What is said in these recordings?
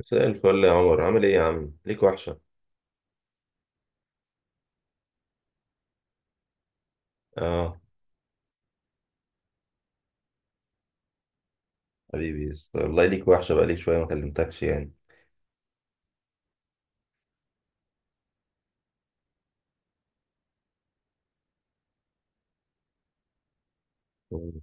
مساء الفل يا عمر، عامل ايه يا عم؟ ليك وحشة. اه. حبيبي والله ليك وحشة بقالي شوية ما كلمتكش يعني. مم.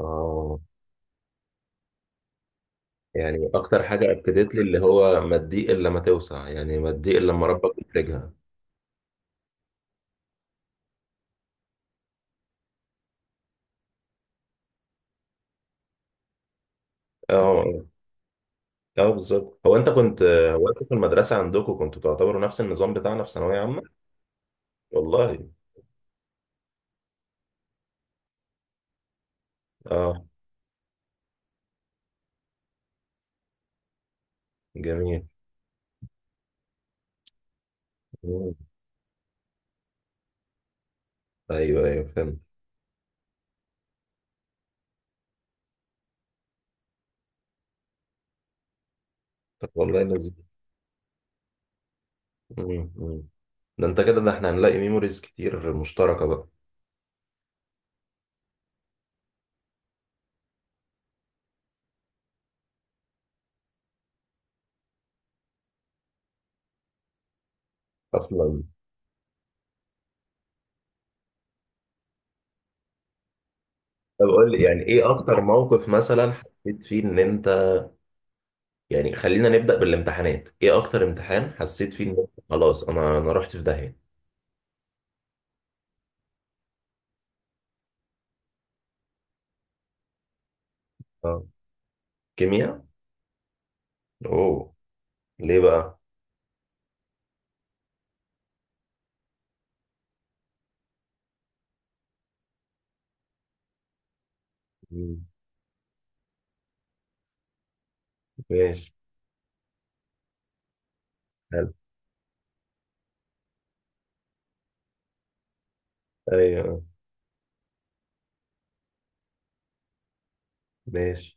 اه، يعني اكتر حاجة اكدت لي اللي هو ما تضيق الا لما توسع، يعني ما تضيق الا لما ربك يفرجها. اه. اه آه، بالظبط. هو انت في المدرسة عندكم كنتوا تعتبروا نفس النظام بتاعنا في ثانوية عامة؟ والله. اه. جميل. مم. ايوه ايوه فهمت. طب والله لذيذ. مم، مم. ده انت كده، ده احنا هنلاقي ميموريز كتير مشتركة بقى. اصلا. طب قول لي يعني ايه اكتر موقف مثلا حسيت فيه ان انت. يعني خلينا نبدأ بالامتحانات. ايه اكتر امتحان حسيت فيه ان انت خلاص انا رحت في داهية؟ اه. كيمياء. اوه. ليه بقى؟ مم. ماشي. حلو. ايوه. ماشي.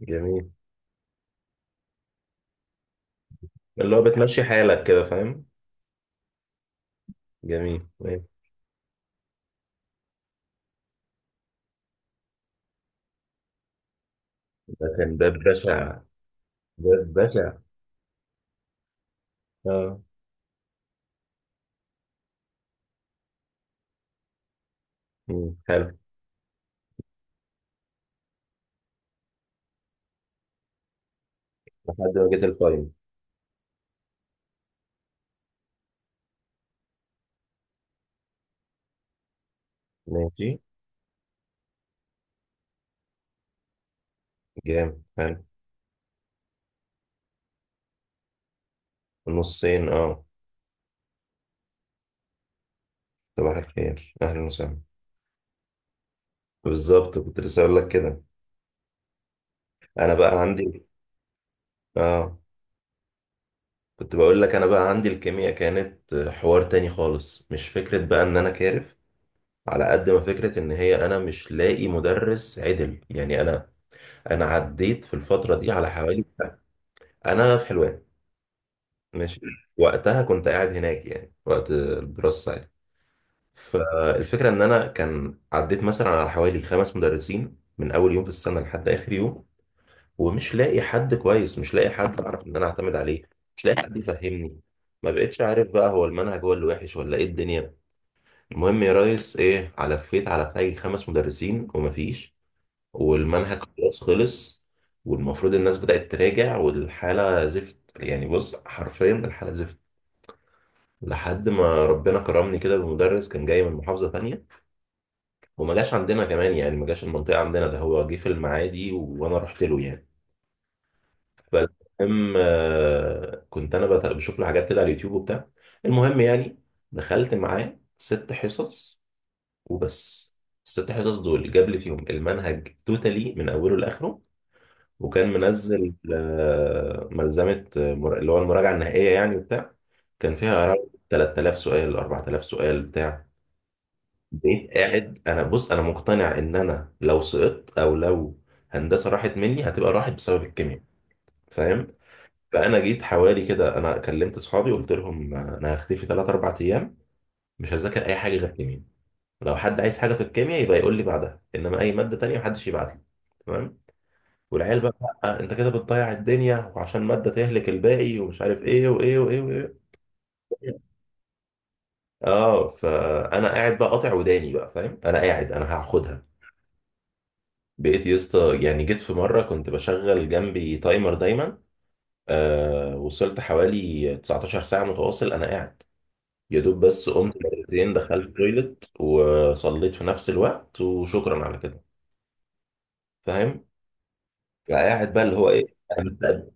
جميل. اللي هو بتمشي حالك كده، فاهم. جميل، ماشي. ده كان باب بشع. باب بشع. اه. مم. حلو. لحد ما جيت الفاينل. ماشي. جامد، حلو. نصين، اه. صباح الخير، اهلا وسهلا. بالظبط، كنت لسه اقول لك كده. انا بقى عندي. اه. كنت بقول لك، انا بقى عندي الكيمياء كانت حوار تاني خالص. مش فكرة بقى ان انا كارف، على قد ما فكرة ان هي انا مش لاقي مدرس عدل. يعني انا. انا عديت في الفترة دي على حوالي. انا في حلوان. ماشي. وقتها كنت قاعد هناك يعني وقت الدراسة ساعتها. فالفكرة ان انا كان عديت مثلا على حوالي 5 مدرسين من اول يوم في السنة لحد اخر يوم. ومش لاقي حد كويس، مش لاقي حد اعرف ان انا اعتمد عليه. مش لاقي حد يفهمني. ما بقتش عارف بقى هو المنهج هو اللي وحش ولا ايه الدنيا. المهم يا ريس، ايه، علفيت على بتاعي 5 مدرسين ومفيش. والمنهج خلاص خلص. والمفروض الناس بدأت تراجع والحالة زفت. يعني بص حرفيا الحالة زفت. لحد ما ربنا كرمني كده بمدرس كان جاي من محافظة تانية. وما جاش عندنا كمان، يعني ما جاش المنطقة عندنا ده. هو جه في المعادي وانا رحت له يعني. فالمهم كنت بشوف له حاجات كده على اليوتيوب وبتاع. المهم يعني دخلت معاه 6 حصص. وبس. الست حصص دول جاب لي فيهم المنهج توتالي من اوله لاخره. وكان منزل ملزمه، اللي هو المراجعه النهائيه يعني وبتاع. كان فيها حوالي 3,000 سؤال 4,000 سؤال بتاع. بقيت قاعد انا بص، انا مقتنع ان انا لو سقطت، او لو هندسه راحت مني هتبقى راحت بسبب الكيمياء، فاهم. فانا جيت حوالي كده، انا كلمت اصحابي قلت لهم انا هختفي 3 4 ايام. مش هذاكر اي حاجه غير كيمياء. لو حد عايز حاجه في الكيمياء يبقى يقول لي بعدها، انما اي ماده تانية محدش يبعت لي. تمام. والعيال بقى: لأ، انت كده بتضيع الدنيا، وعشان ماده تهلك الباقي، ومش عارف ايه وايه وايه وايه. اه. فانا قاعد بقى قاطع وداني، بقى فاهم انا قاعد انا هاخدها. بقيت يا اسطى يعني جيت في مره كنت بشغل جنبي تايمر دايما. وصلت حوالي 19 ساعه متواصل انا قاعد. يا دوب بس قمت مرتين دخلت التويلت وصليت في نفس الوقت، وشكرا على كده، فاهم. فقاعد بقى اللي هو ايه انا مستقبل.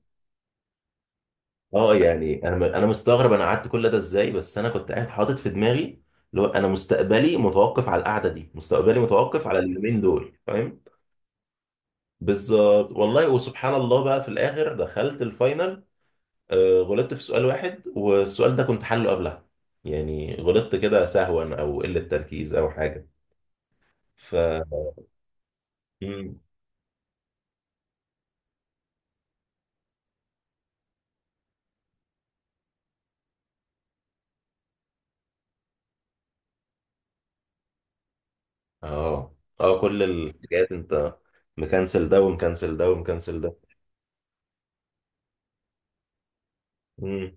اه يعني انا انا مستغرب انا قعدت كل ده ازاي، بس انا كنت قاعد حاطط في دماغي اللي هو انا مستقبلي متوقف على القعده دي، مستقبلي متوقف على اليومين دول، فاهم. بالظبط. والله وسبحان الله بقى في الاخر دخلت الفاينل. غلطت في سؤال واحد والسؤال ده كنت حله قبلها. يعني غلطت كده سهوا او قله تركيز او حاجه. ف اه. اه، كل الحاجات انت. مكنسل ده ومكنسل ده ومكنسل ده. امم.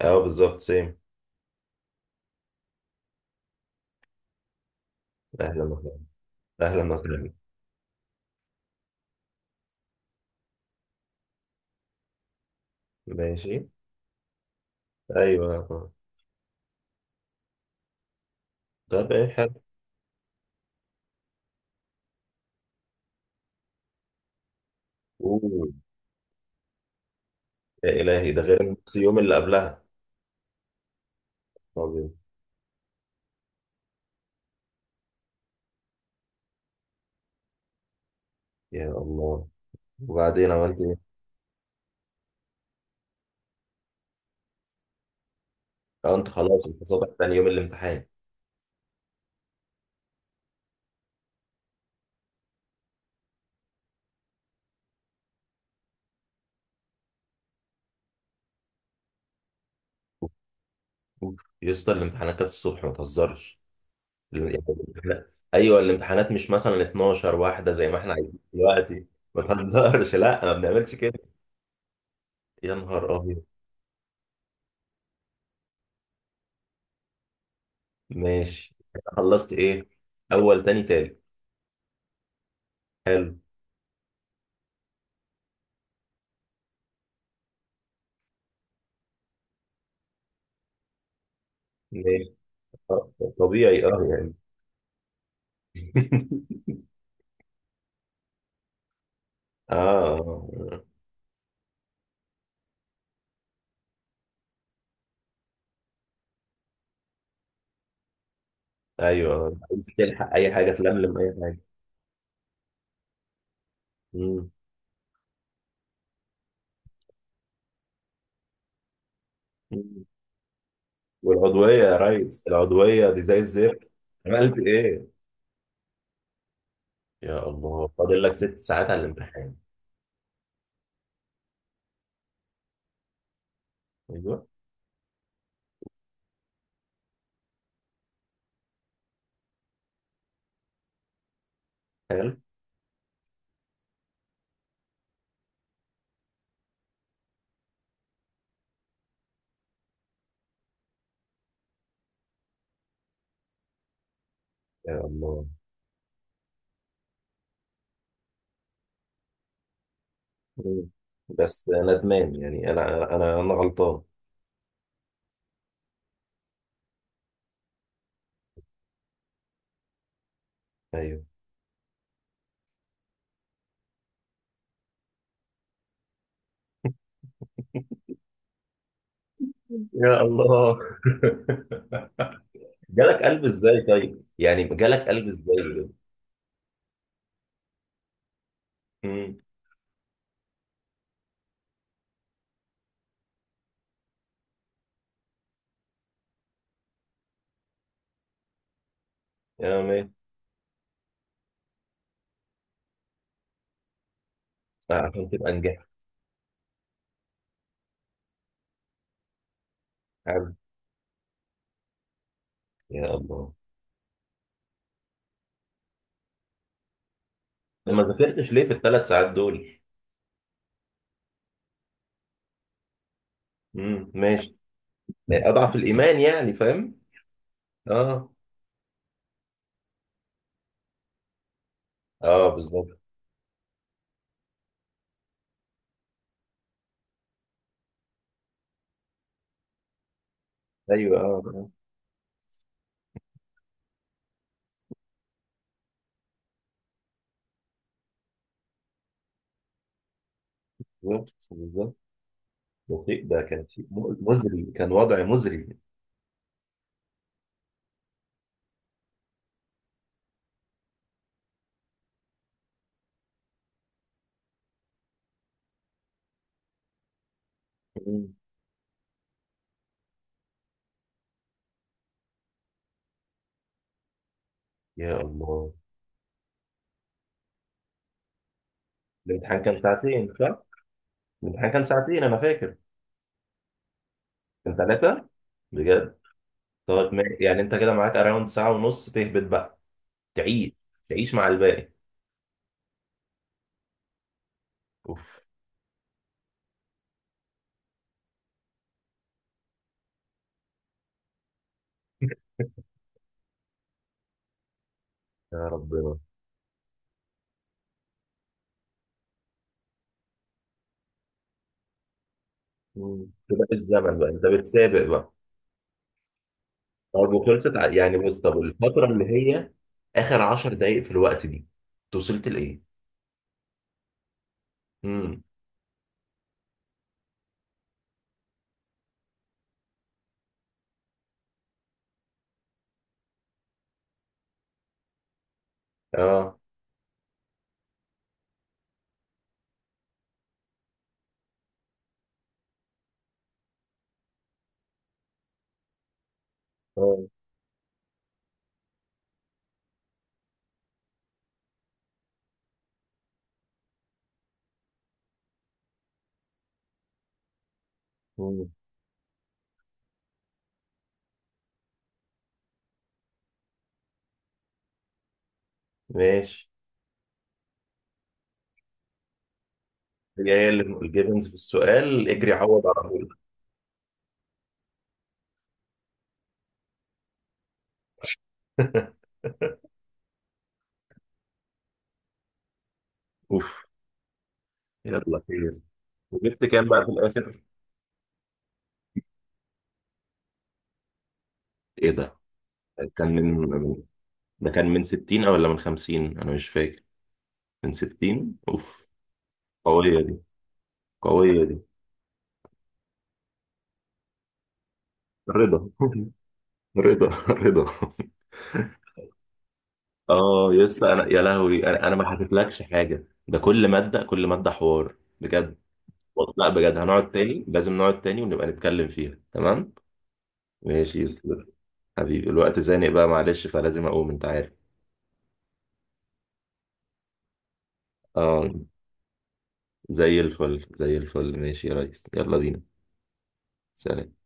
اه بالظبط سيم. اهلا وسهلا. اهلا وسهلا. ماشي. ايوه. طب ايه، حلو. اوه. يا الهي، ده غير النص يوم اللي قبلها. طب. يا الله. وبعدين عملت ايه؟ اه انت خلاص، انت صبح تاني يوم الامتحان. أوف، أوف. يا اسطى الامتحانات كانت الصبح، ما تهزرش. يعني ايوه الامتحانات مش مثلا 12 واحده زي ما احنا عايزين دلوقتي. ما تهزرش، لا ما بنعملش كده. يا نهار أبيض. ماشي. خلصت إيه؟ أول تاني تالت. حلو. ماشي. آه، طبيعي أه يعني. آه آه. أيوه، عايز تلحق أي حاجة تلملم أي حاجة. مم. مم. والعضوية يا ريس، العضوية دي زي الزفت. عملت إيه؟ يا الله، فاضل لك 6 ساعات على الامتحان. أيوه. حلو. يا الله. مم. بس ندمان يعني، أنا غلطان. أيوه. يا الله. جالك قلب ازاي طيب؟ يعني جالك قلب ازاي؟ امم. يا مات. عشان تبقى نجحت. حلو. يا الله. طب ما ذاكرتش ليه في الثلاث ساعات دول؟ امم، ماشي. يعني اضعف الايمان يعني، فاهم؟ اه، اه. بالظبط. ايوه اه آه. بالظبط، بالظبط. ده شيء، ده كان شيء مزري، كان وضع مزري. مم. يا الله. الامتحان كان ساعتين صح؟ الامتحان كان ساعتين انا فاكر. كان ثلاثة. بجد. طب يعني انت كده معاك اراوند ساعة ونص تهبط بقى. تعيش. تعيش مع الباقي. اوف. يا ربنا. مم. سباق الزمن بقى، انت بتسابق بقى. طب وخلصت يعني بص طب الفترة اللي هي اخر 10 دقايق في الوقت دي انت وصلت لايه؟ امم. اه. اه. مم. ماشي. هي هي اللي الجيفنز في السؤال، اجري عوض على طول. اوف. يلا خير. وجبت كام بقى في الاخر؟ ايه ده؟ كان من من- ده كان من 60 او ولا من 50، انا مش فاكر. من 60. اوف. قوية دي. قوية دي. رضا. رضا، رضا. اه يا اسطى انا يا لهوي، انا ما حكيتلكش حاجه، ده كل ماده، كل ماده حوار. بجد. والله لا بجد هنقعد تاني، لازم نقعد تاني ونبقى نتكلم فيها. تمام. ماشي يا اسطى. حبيبي الوقت زانق بقى، معلش، فلازم اقوم، انت عارف. اه. زي الفل، زي الفل. ماشي يا ريس، يلا بينا. سلام.